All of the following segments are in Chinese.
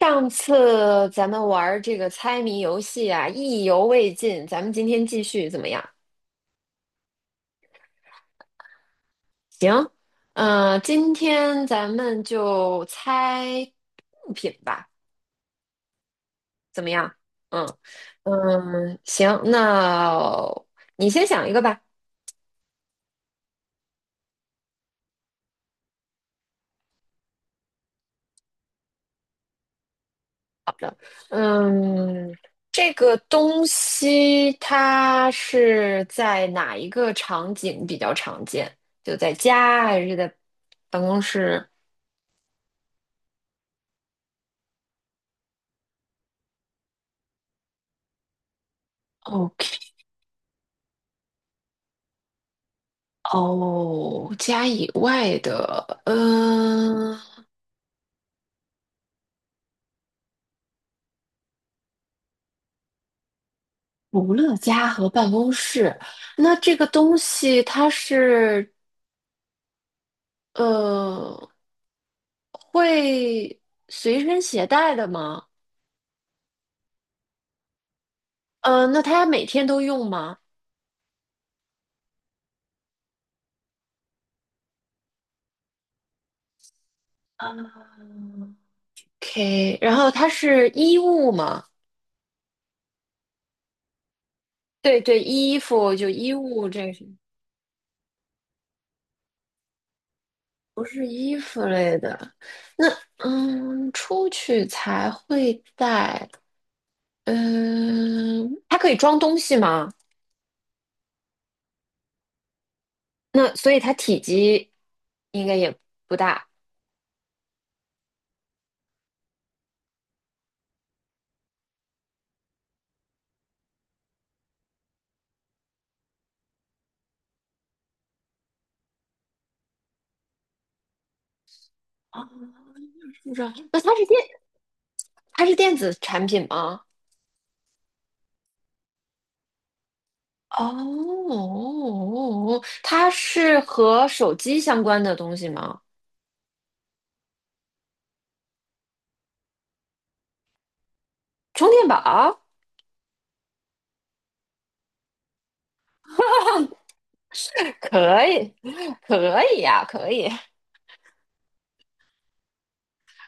上次咱们玩儿这个猜谜游戏啊，意犹未尽，咱们今天继续怎么样？行，今天咱们就猜物品吧，怎么样？嗯嗯，行，那你先想一个吧。嗯，这个东西它是在哪一个场景比较常见？就在家还是在办公室？o k 哦，家以外的，除了家和办公室，那这个东西它是呃会随身携带的吗？嗯，那它每天都用吗？嗯 o k 然后它是衣物吗？对对，衣服就衣物，这是不是衣服类的？出去才会带。它可以装东西吗？那所以它体积应该也不大。啊，是这样。那它是它是电子产品吗？哦，它是和手机相关的东西吗？充电宝？可以，可以呀、可以。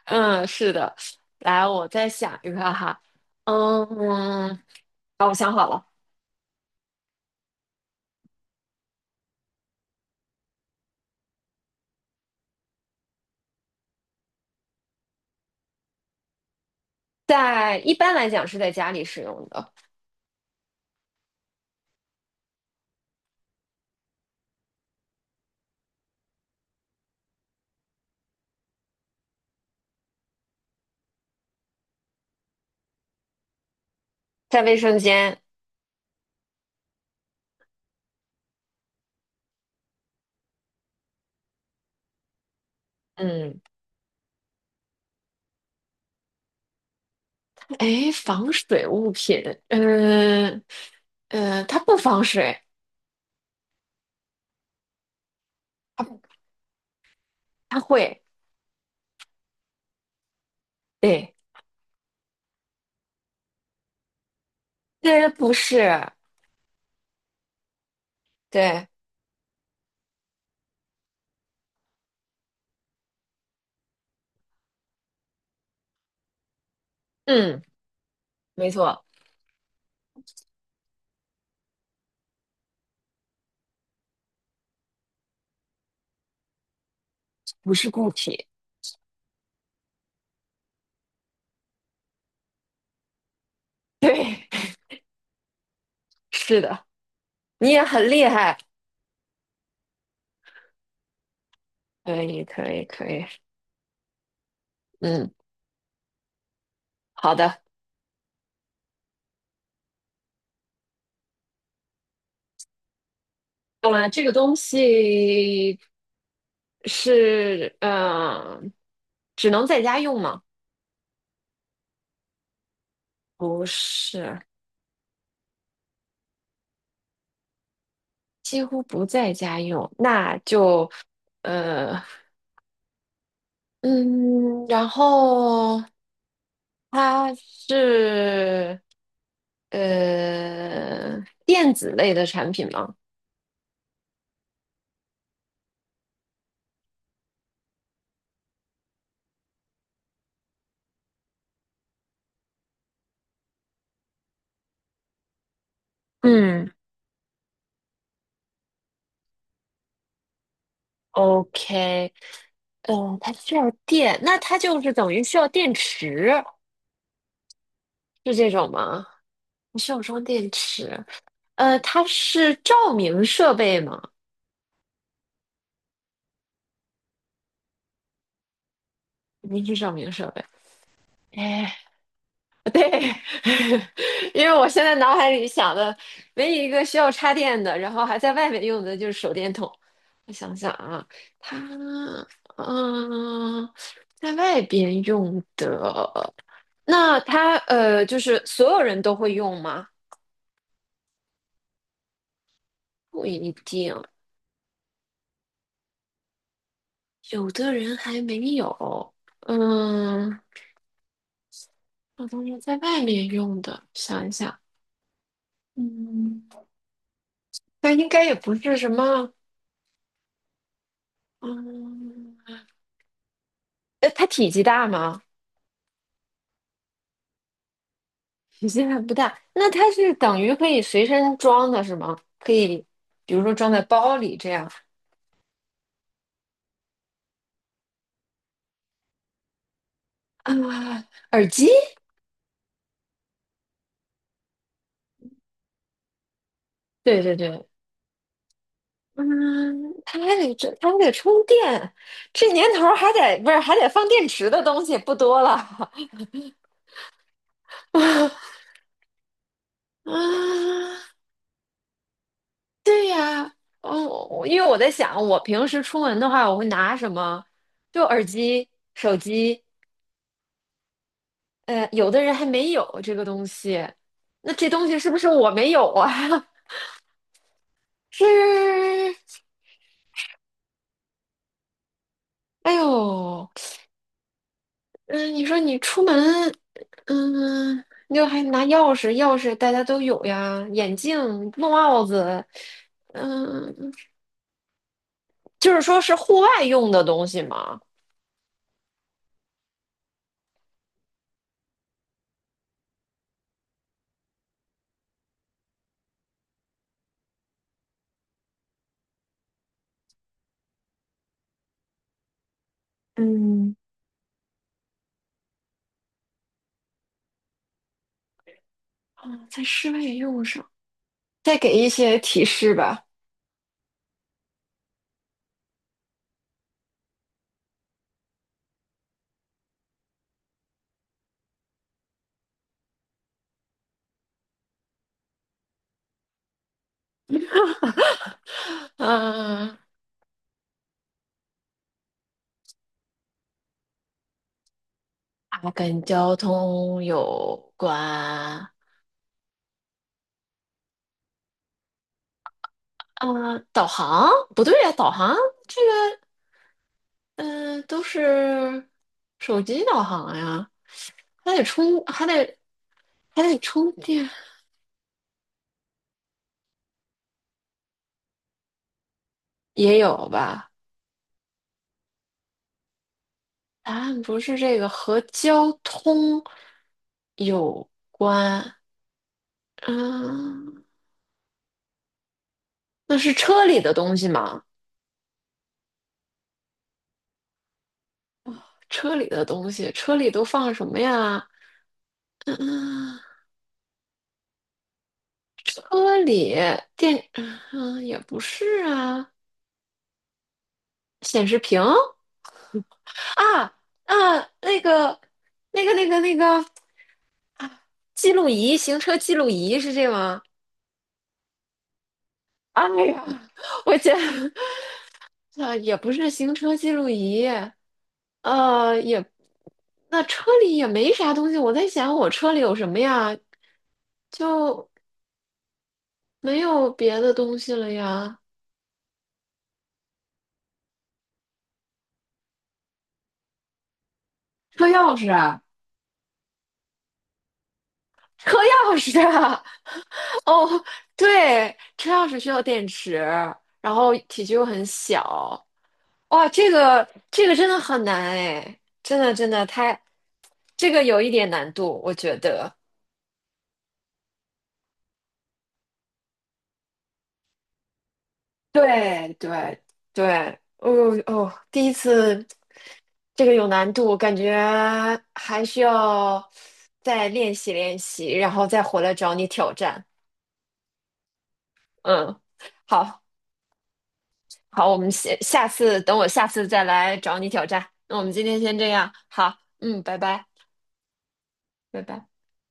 嗯，是的。来，我再想一个哈。嗯，好，我想好了，在一般来讲是在家里使用的，在卫生间。嗯。哎，防水物品，嗯嗯，它不防水，它它会，对，这不是，对，嗯，没错，不是固体，对，是的，你也很厉害，可以，可以，可以，嗯，好的，了，这个东西是，只能在家用吗？不是，几乎不在家用，那就，呃。嗯，然后它是呃电子类的产品吗嗯，？OK，它需要电，那它就是等于需要电池，是这种吗？你需要装电池。它是照明设备吗？肯定是照明设备。哎。因为我现在脑海里想的唯一一个需要插电的，然后还在外面用的就是手电筒。我想想啊，它嗯、在外边用的，那它就是所有人都会用吗？不一定，有的人还没有。嗯，我都是在外面用的，想一想，嗯，那应该也不是什么，嗯，它体积大吗？体积还不大，那它是等于可以随身装的是吗？可以，比如说装在包里这样啊。耳机，对对对，嗯，它还得充电，这年头儿不是还得放电池的东西不多了 啊。对呀，哦，我因为我在想，我平时出门的话，我会拿什么？就耳机、手机，有的人还没有这个东西，那这东西是不是我没有啊？是，哎呦，嗯，你说你出门，嗯，你就还拿钥匙，钥匙大家都有呀，眼镜、帽子，嗯，就是说是户外用的东西嘛，嗯，啊，在室外也用上。再给一些提示吧，嗯，它跟交通有关，啊，导航不对呀，导航。这个。嗯、都是手机导航呀，还得充，还得还得充电，也有吧？答案不是这个，和交通有关。嗯，那是车里的东西吗？车里的东西，车里都放什么呀？嗯嗯，车里电，也不是啊，显示屏啊啊，那个，那个，那个，那个。记录仪，行车记录仪是这吗？哎呀，我觉得啊，也不是行车记录仪，呃，也那车里也没啥东西。我在想，我车里有什么呀？就没有别的东西了呀。车钥匙啊车钥匙啊 哦，对，车钥匙需要电池，然后体积又很小，哇，这个这个真的很难哎，真的真的太，这个有一点难度，我觉得。对对对，哦哦，第一次这个有难度，感觉还需要再练习练习，然后再回来找你挑战。嗯，好好，我们下下次等我下次再来找你挑战。那我们今天先这样，好，嗯，拜拜，拜拜。